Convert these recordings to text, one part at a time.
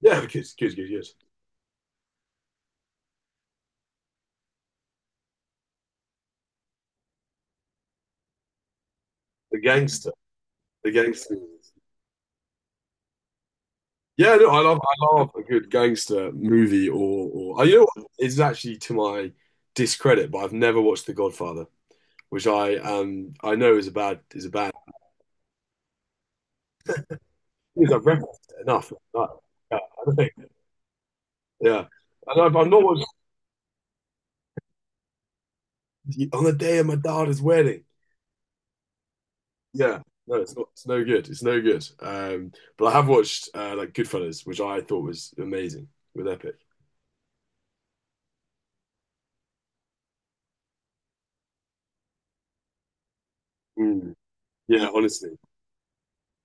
Yeah, the kid's good. Yes, the gangster, the gangster. Yeah, no, I love a good gangster movie or oh, you know what? It's actually to my discredit, but I've never watched The Godfather, which I I know is a bad because I've referenced it enough. But, yeah, I don't think yeah, and I've not watched on the day of my daughter's wedding. Yeah, no, it's not. It's no good. It's no good. But I have watched like Goodfellas, which I thought was amazing with Epic. Mm. Yeah, honestly.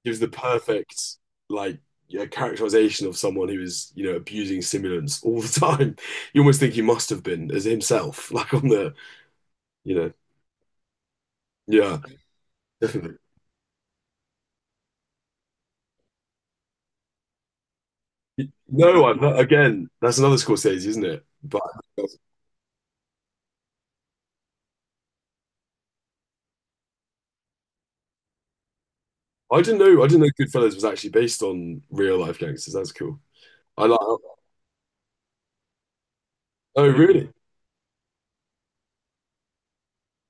Gives the perfect like yeah, characterization of someone who is, you know, abusing stimulants all the time. You almost think he must have been as himself, like on the, you know, yeah, definitely. No, I've not, again, that's another Scorsese, isn't it? But I didn't know Goodfellas was actually based on real life gangsters. That's cool. I like. Oh, really?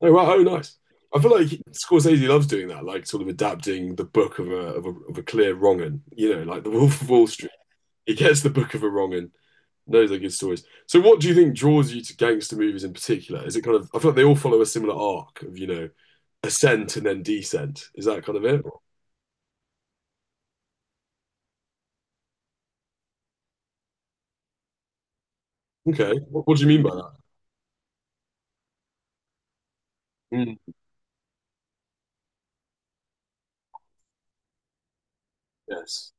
Oh, wow. Oh, nice. I feel like Scorsese loves doing that, like sort of adapting the book of of a clear wrong 'un, you know, like The Wolf of Wall Street. He gets the book of a wrong and knows they're good stories. So, what do you think draws you to gangster movies in particular? Is it kind of, I feel like they all follow a similar arc of, you know, ascent and then descent. Is that kind of it? Okay. What do you mean by that? Mm, yes.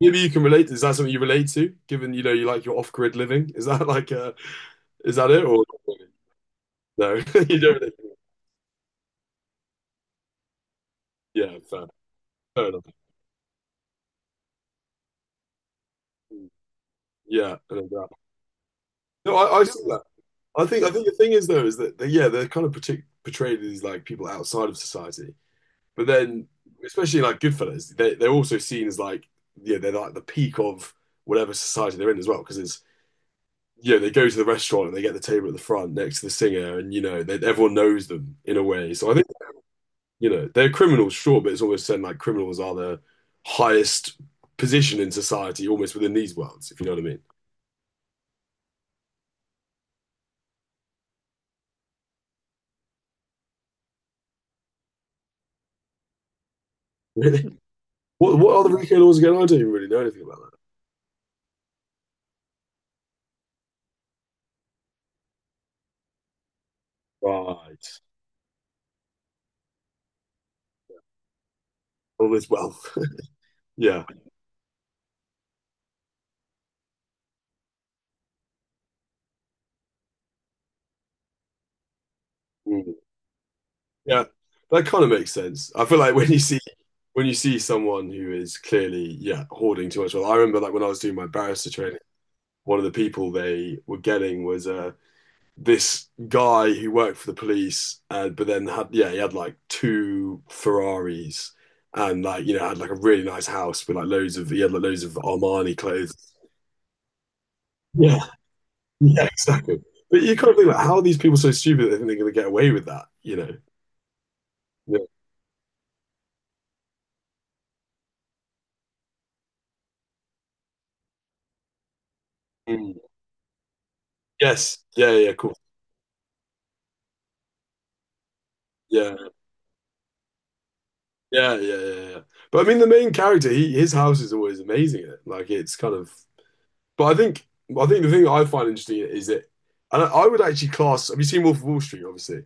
Maybe you can relate. Is that something you relate to, given, you know, you like your off-grid living? Is that like, is that it? Or no, you don't. Really? Yeah, fair, fair enough. Mm, yeah, I know that. No, I see that. I think the thing is though, is that, they, yeah, they're kind of portrayed as like people outside of society. But then, especially like Goodfellas, they're also seen as like, yeah, they're like the peak of whatever society they're in as well. Because it's, you know, they go to the restaurant and they get the table at the front next to the singer, and, you know, they, everyone knows them in a way. So I think, you know, they're criminals, sure, but it's always said like criminals are the highest position in society almost within these worlds, if you know what I mean. Really? What are the Rico laws again? I don't even really know anything about that. Right. All this wealth. Yeah. Mm. Yeah. That kind of makes sense. I feel like when you see someone who is clearly, yeah, hoarding too much wealth. I remember like when I was doing my barrister training, one of the people they were getting was this guy who worked for the police, but then had, yeah, he had like two Ferraris and like, you know, had like a really nice house with like loads of, he had like loads of Armani clothes. Yeah, yeah, exactly. But you kind of think like, how are these people so stupid that they think they're going to get away with that, you know? Yeah. Mm. Yes. Yeah, yeah, yeah, cool. Yeah. Yeah, yeah, yeah, yeah, yeah. But I mean, the main character, he his house is always amazing. In it. Like it's kind of. But I think the thing that I find interesting is that, and I would actually class. Have you seen Wolf of Wall Street? Obviously,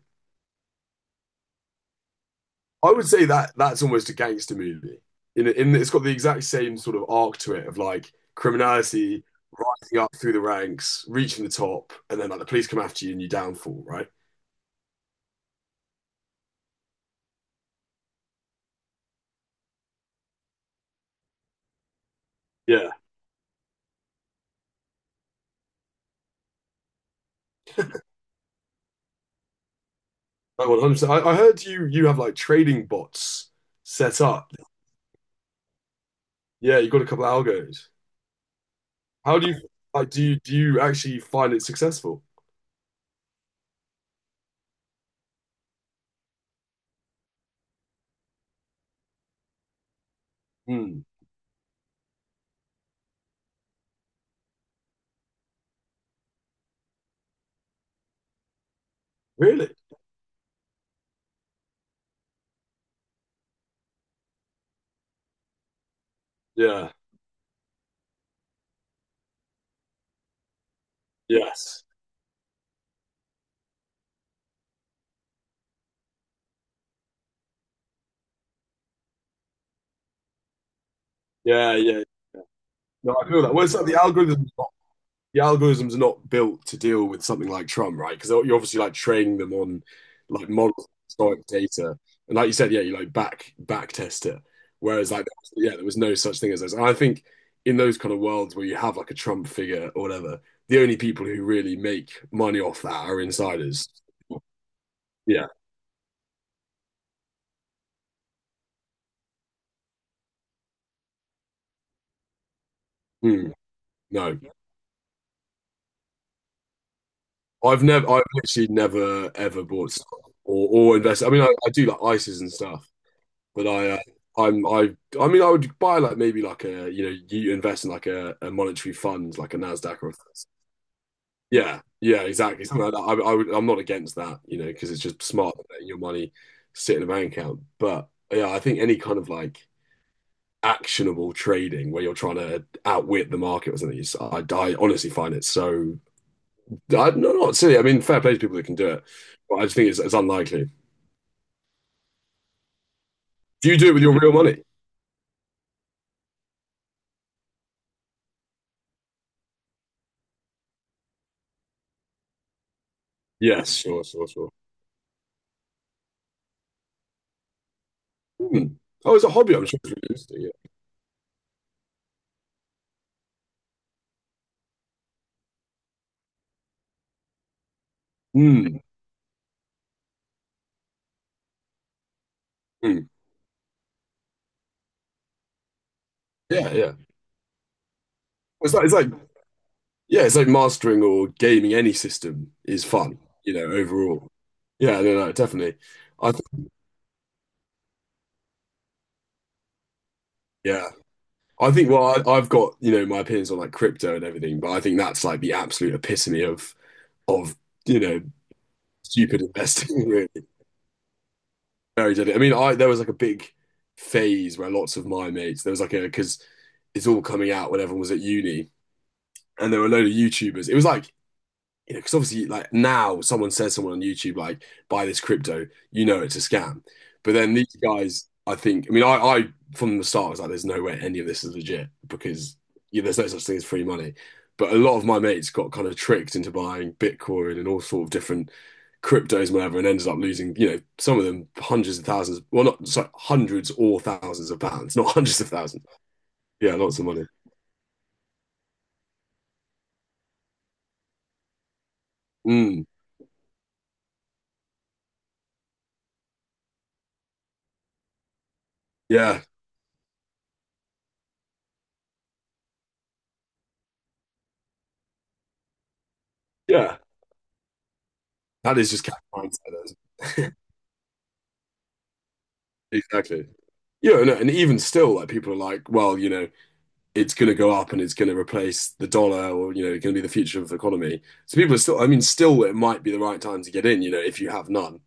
I would say that that's almost a gangster movie. In it's got the exact same sort of arc to it of like criminality rising up through the ranks, reaching the top, and then like the police come after you and you downfall, right? Yeah, like 100%. I heard you have like trading bots set up. Yeah, you got a couple of algos. How do you like? Do you actually find it successful? Hmm. Really? Yeah. Yes. Yeah. Yeah. No, I feel that. Well, it's like the algorithm's not built to deal with something like Trump, right? Because you're obviously like training them on like models historic data, and like you said, yeah, you like back test it. Whereas like yeah, there was no such thing as those. And I think in those kind of worlds where you have like a Trump figure or whatever, the only people who really make money off that are insiders. Yeah. Hmm. No. I've literally never ever bought stock or invested. I mean, I do like ISAs and stuff, but I'm, I, I mean, I would buy like maybe like you know, you invest in like a monetary fund, like a Nasdaq or a, FTSE. Yeah, yeah, exactly, something like that. I'm not against that, you know, because it's just smart letting your money sit in a bank account. But yeah, I think any kind of like actionable trading where you're trying to outwit the market or something, I honestly find it so I, no, not silly. I mean, fair play to people that can do it, but I just think it's unlikely. Do you do it with your real money? Yes, sure, sure, sure. Hmm. Oh, it's a hobby. I'm sure it's realistic. Yeah. Mm, mm. Yeah, yeah. It's like, yeah, it's like mastering or gaming any system is fun, you know, overall. Yeah, no, no, definitely. I think, yeah, I think. Well, I've got you know my opinions on like crypto and everything, but I think that's like the absolute epitome of of you know stupid investing. Very deadly. I mean, I there was like a big phase where lots of my mates there was like a because it's all coming out when everyone was at uni, and there were a load of YouTubers. It was like you know, because obviously, like now, someone says someone on YouTube, like, buy this crypto, you know it's a scam. But then these guys, I think, I mean, I from the start was like, there's no way any of this is legit because yeah, there's no such thing as free money. But a lot of my mates got kind of tricked into buying Bitcoin and all sort of different cryptos and whatever, and ended up losing, you know, some of them hundreds of thousands, well, not sorry, hundreds or thousands of pounds, not hundreds of thousands. Yeah, lots of money. Mm, yeah, yeah. That is just cat mindset. Exactly. Yeah, no, and even still, like people are like, well, you know, it's going to go up and it's going to replace the dollar, or you know, it's going to be the future of the economy. So people are still, I mean, still, it might be the right time to get in, you know, if you have none.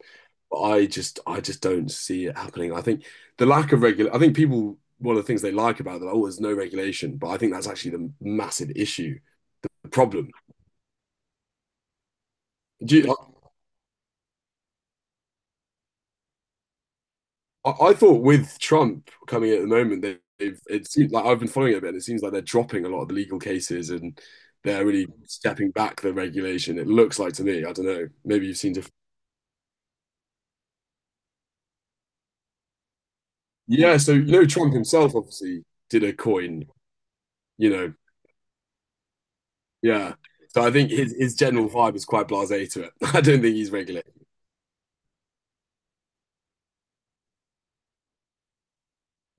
But I just don't see it happening. I think the lack of regular, I think people, one of the things they like about that, oh, there's no regulation, but I think that's actually the massive issue, the problem. Do you, I thought with Trump coming at the moment, they, they've it seems like I've been following it a bit, and it seems like they're dropping a lot of the legal cases and they're really stepping back the regulation. It looks like to me. I don't know. Maybe you've seen different. Yeah. So you know, Trump himself obviously did a coin. You know. Yeah. So I think his general vibe is quite blasé to it. I don't think he's regulated.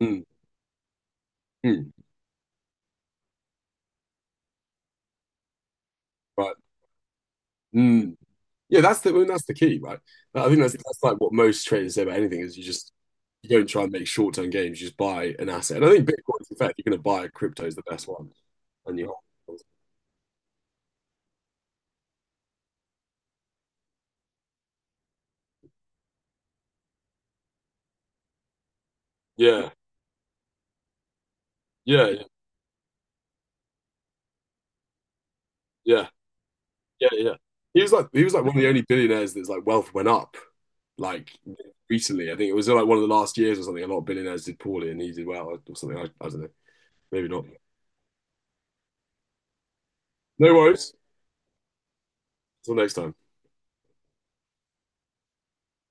Mm, mm, right. Mm. Yeah, that's the I mean, that's the key, right? I think that's like what most traders say about anything is you don't try and make short term gains, you just buy an asset. And I think Bitcoin, in fact, you're going to buy crypto is the best one, and you hold. Yeah, yeah, yeah, yeah, yeah, yeah. He was like one of the only billionaires that's like wealth went up like recently. I think it was like one of the last years or something. A lot of billionaires did poorly and he did well or something. I don't know. Maybe not. No worries. Till next time.